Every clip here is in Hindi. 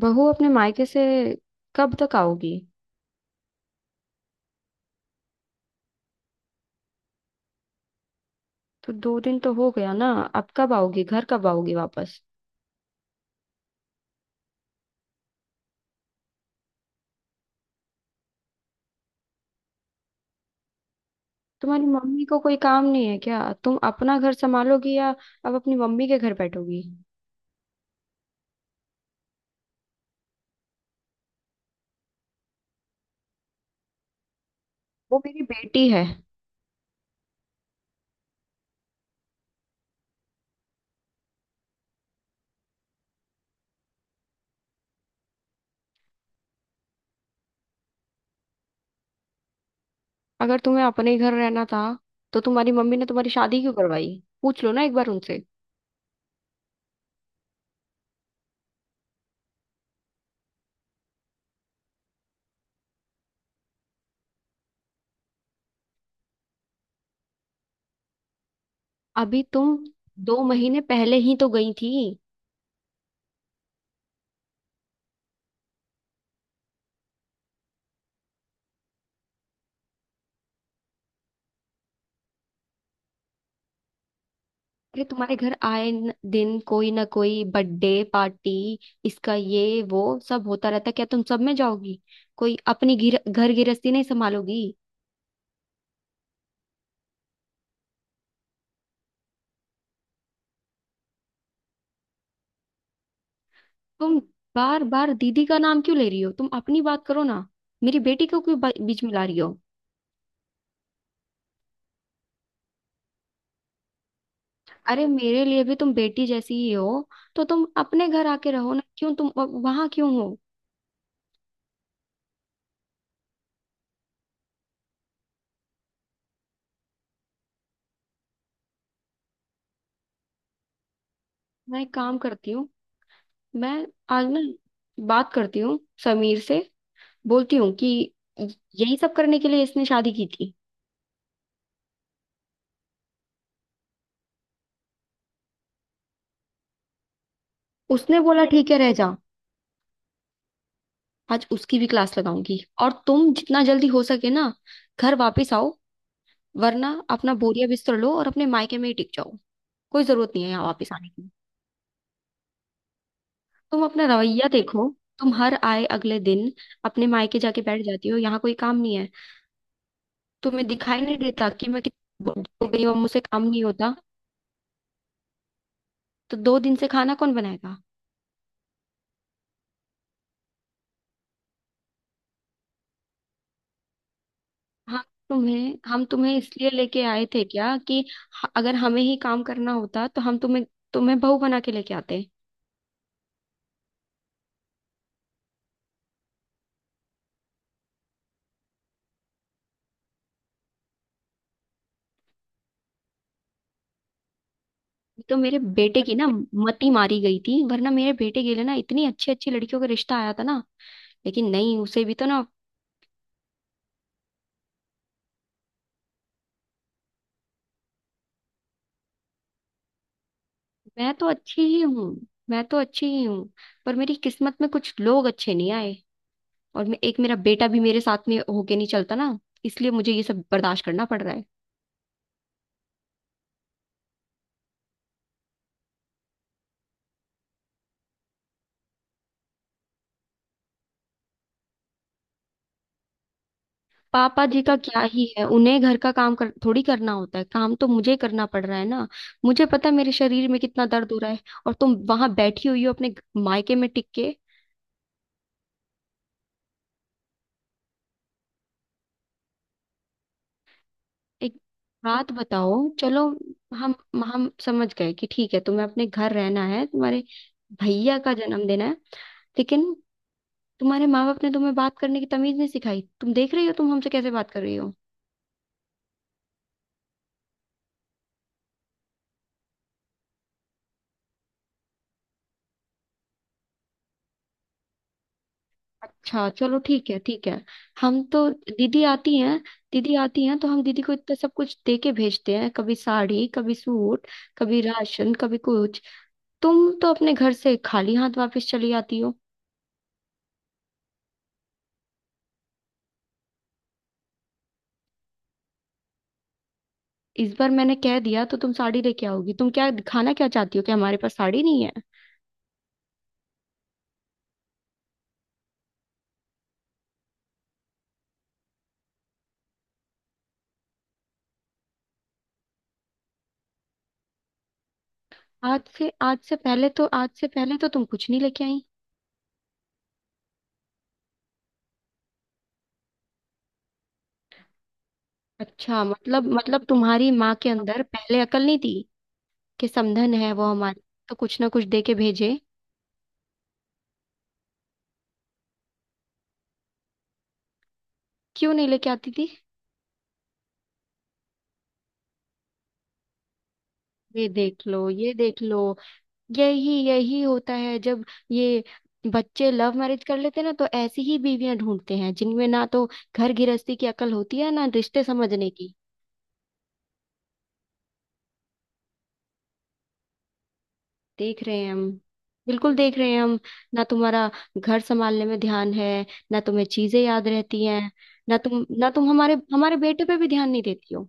बहू अपने मायके से कब तक आओगी। तो दो दिन तो हो गया ना, अब कब आओगी, घर कब आओगी वापस। तुम्हारी मम्मी को कोई काम नहीं है क्या? तुम अपना घर संभालोगी या अब अपनी मम्मी के घर बैठोगी? वो मेरी बेटी है। अगर तुम्हें अपने ही घर रहना था तो तुम्हारी मम्मी ने तुम्हारी शादी क्यों करवाई? पूछ लो ना एक बार उनसे। अभी तुम दो महीने पहले ही तो गई थी। अरे तुम्हारे घर आए दिन कोई ना कोई बर्थडे पार्टी, इसका ये वो सब होता रहता। क्या तुम सब में जाओगी, कोई अपनी घर गृहस्थी नहीं संभालोगी? तुम बार बार दीदी का नाम क्यों ले रही हो, तुम अपनी बात करो ना। मेरी बेटी को क्यों बीच में ला रही हो? अरे मेरे लिए भी तुम बेटी जैसी ही हो, तो तुम अपने घर आके रहो ना, क्यों तुम वहां क्यों हो? मैं एक काम करती हूँ, मैं आज ना बात करती हूँ समीर से, बोलती हूँ कि यही सब करने के लिए इसने शादी की थी। उसने बोला ठीक है रह जा। आज उसकी भी क्लास लगाऊंगी और तुम जितना जल्दी हो सके ना घर वापस आओ, वरना अपना बोरिया बिस्तर लो और अपने मायके में ही टिक जाओ। कोई जरूरत नहीं है यहाँ वापस आने की। तुम अपना रवैया देखो, तुम हर आए अगले दिन अपने मायके जाके बैठ जाती हो, यहाँ कोई काम नहीं है। तुम्हें दिखाई नहीं देता कि मैं कितनी बुढ़ी हो गई हूँ और मुझसे काम नहीं होता। तो दो दिन से खाना कौन बनाएगा? हम हम तुम्हें इसलिए लेके आए थे क्या कि अगर हमें ही काम करना होता तो हम तुम्हें तुम्हें बहू बना के लेके आते? तो मेरे बेटे की ना अच्छा मती मारी गई थी, वरना मेरे बेटे के लिए ना इतनी अच्छी अच्छी लड़कियों का रिश्ता आया था ना, लेकिन नहीं, उसे भी तो ना। मैं तो अच्छी ही हूँ। मैं तो अच्छी ही हूँ, पर मेरी किस्मत में कुछ लोग अच्छे नहीं आए। और एक मेरा बेटा भी मेरे साथ में होके नहीं चलता ना, इसलिए मुझे ये सब बर्दाश्त करना पड़ रहा है। पापा जी का क्या ही है, उन्हें घर का काम थोड़ी करना होता है, काम तो मुझे करना पड़ रहा है ना। मुझे पता है मेरे शरीर में कितना दर्द हो रहा है, और तुम वहां बैठी हुई हो अपने मायके में टिक के। एक बात बताओ चलो, हम हम समझ गए कि ठीक है, तुम्हें अपने घर रहना है, तुम्हारे भैया का जन्मदिन है, लेकिन तुम्हारे माँ बाप ने तुम्हें बात करने की तमीज नहीं सिखाई। तुम देख रही हो तुम हमसे कैसे बात कर रही हो? अच्छा चलो ठीक है ठीक है। हम तो दीदी आती हैं, दीदी आती हैं तो हम दीदी को इतना सब कुछ दे के भेजते हैं, कभी साड़ी कभी सूट, कभी राशन कभी कुछ। तुम तो अपने घर से खाली हाथ वापस चली आती हो। इस बार मैंने कह दिया तो तुम साड़ी लेके आओगी? तुम क्या दिखाना क्या चाहती हो कि हमारे पास साड़ी नहीं है? आज से पहले तो तुम कुछ नहीं लेके आई। अच्छा मतलब तुम्हारी माँ के अंदर पहले अकल नहीं थी कि समधन है वो हमारी, तो कुछ ना कुछ दे के भेजे? क्यों नहीं लेके आती थी? ये देख लो, ये देख लो। यही यही होता है जब ये बच्चे लव मैरिज कर लेते हैं ना, तो ऐसी ही बीवियां ढूंढते हैं जिनमें ना तो घर गृहस्थी की अकल होती है, ना रिश्ते समझने की। देख रहे हैं हम, बिल्कुल देख रहे हैं हम। ना तुम्हारा घर संभालने में ध्यान है, ना तुम्हें चीजें याद रहती हैं, ना तुम हमारे हमारे बेटे पे भी ध्यान नहीं देती हो।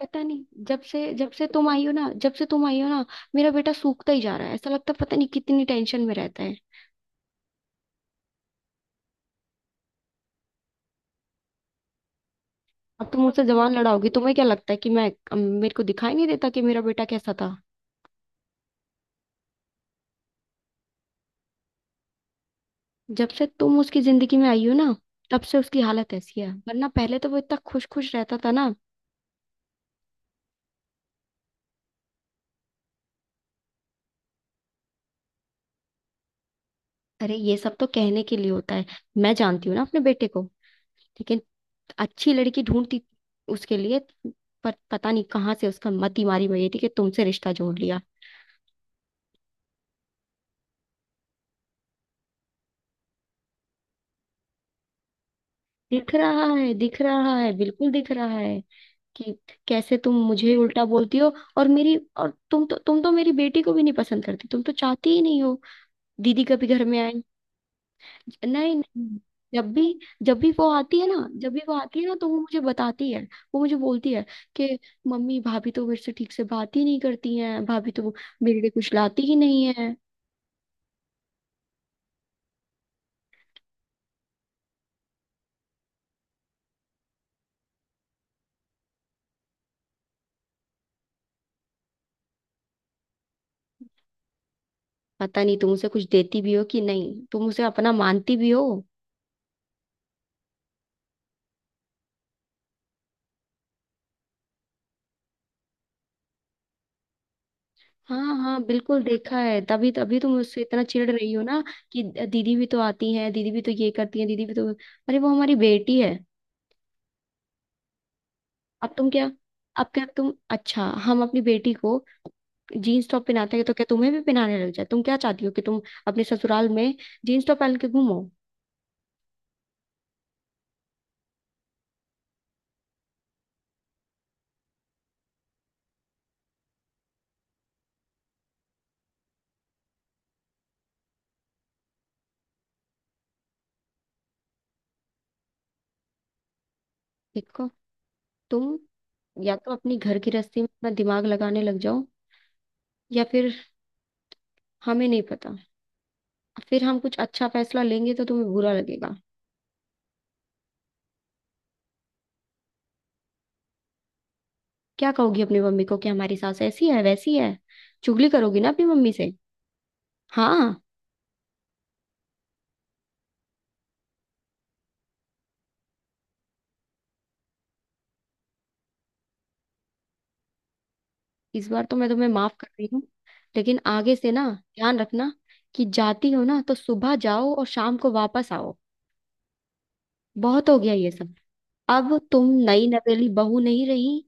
पता नहीं जब से तुम आई हो ना, जब से तुम आई हो ना, मेरा बेटा सूखता ही जा रहा है, ऐसा लगता है पता नहीं कितनी टेंशन में रहता है। अब तुम मुझसे जबान लड़ाओगी? तुम्हें क्या लगता है कि मैं, मेरे को दिखाई नहीं देता कि मेरा बेटा कैसा था? जब से तुम उसकी जिंदगी में आई हो ना, तब से उसकी हालत ऐसी है, वरना पहले तो वो इतना खुश खुश रहता था ना। अरे ये सब तो कहने के लिए होता है, मैं जानती हूँ ना अपने बेटे को। लेकिन अच्छी लड़की ढूंढती उसके लिए, पर पता नहीं कहाँ से उसका मति मारी हुई थी कि तुमसे रिश्ता जोड़ लिया। दिख रहा है, दिख रहा है, बिल्कुल दिख रहा है कि कैसे तुम मुझे उल्टा बोलती हो। और मेरी, और तुम तो, तुम तो मेरी बेटी को भी नहीं पसंद करती, तुम तो चाहती ही नहीं हो दीदी कभी घर में। नहीं नहीं, जब भी, जब भी वो आती है ना, जब भी वो आती है ना तो वो मुझे बताती है, वो मुझे बोलती है कि मम्मी भाभी तो मेरे से ठीक से बात ही नहीं करती हैं, भाभी तो मेरे लिए कुछ लाती ही नहीं है। पता नहीं तुम उसे कुछ देती भी हो कि नहीं, तुम उसे अपना मानती भी हो? हाँ हाँ, बिल्कुल देखा है, तभी तभी तुम उससे इतना चिढ़ रही हो ना कि दीदी भी तो आती है, दीदी भी तो ये करती है, दीदी भी तो। अरे वो हमारी बेटी है। अब तुम क्या अब क्या तुम, अच्छा हम अपनी बेटी को जीन्स टॉप पहनाते हैं तो क्या तुम्हें भी पहनाने लग जाए? तुम क्या चाहती हो कि तुम अपने ससुराल में जीन्स टॉप पहन के घूमो? देखो तुम, या तो अपनी घर की रस्सी में अपना दिमाग लगाने लग जाओ, या फिर हमें नहीं पता, फिर हम कुछ अच्छा फैसला लेंगे तो तुम्हें बुरा लगेगा। क्या कहोगी अपनी मम्मी को कि हमारी सास ऐसी है वैसी है? चुगली करोगी ना अपनी मम्मी से? हाँ। इस बार तो मैं तुम्हें माफ कर रही हूँ, लेकिन आगे से ना ध्यान रखना कि जाती हो ना तो सुबह जाओ और शाम को वापस आओ। बहुत हो गया ये सब। अब तुम नई नवेली बहू नहीं रही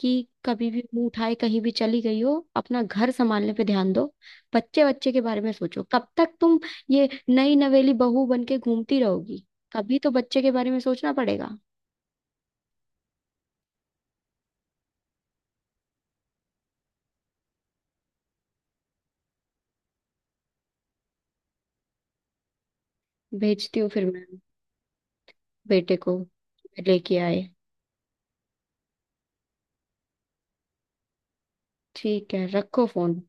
कि कभी भी मुंह उठाए कहीं भी चली गई हो। अपना घर संभालने पे ध्यान दो, बच्चे बच्चे के बारे में सोचो। कब तक तुम ये नई नवेली बहू बन के घूमती रहोगी? कभी तो बच्चे के बारे में सोचना पड़ेगा। भेजती हूँ फिर मैं बेटे को लेके आए। ठीक है, रखो फोन।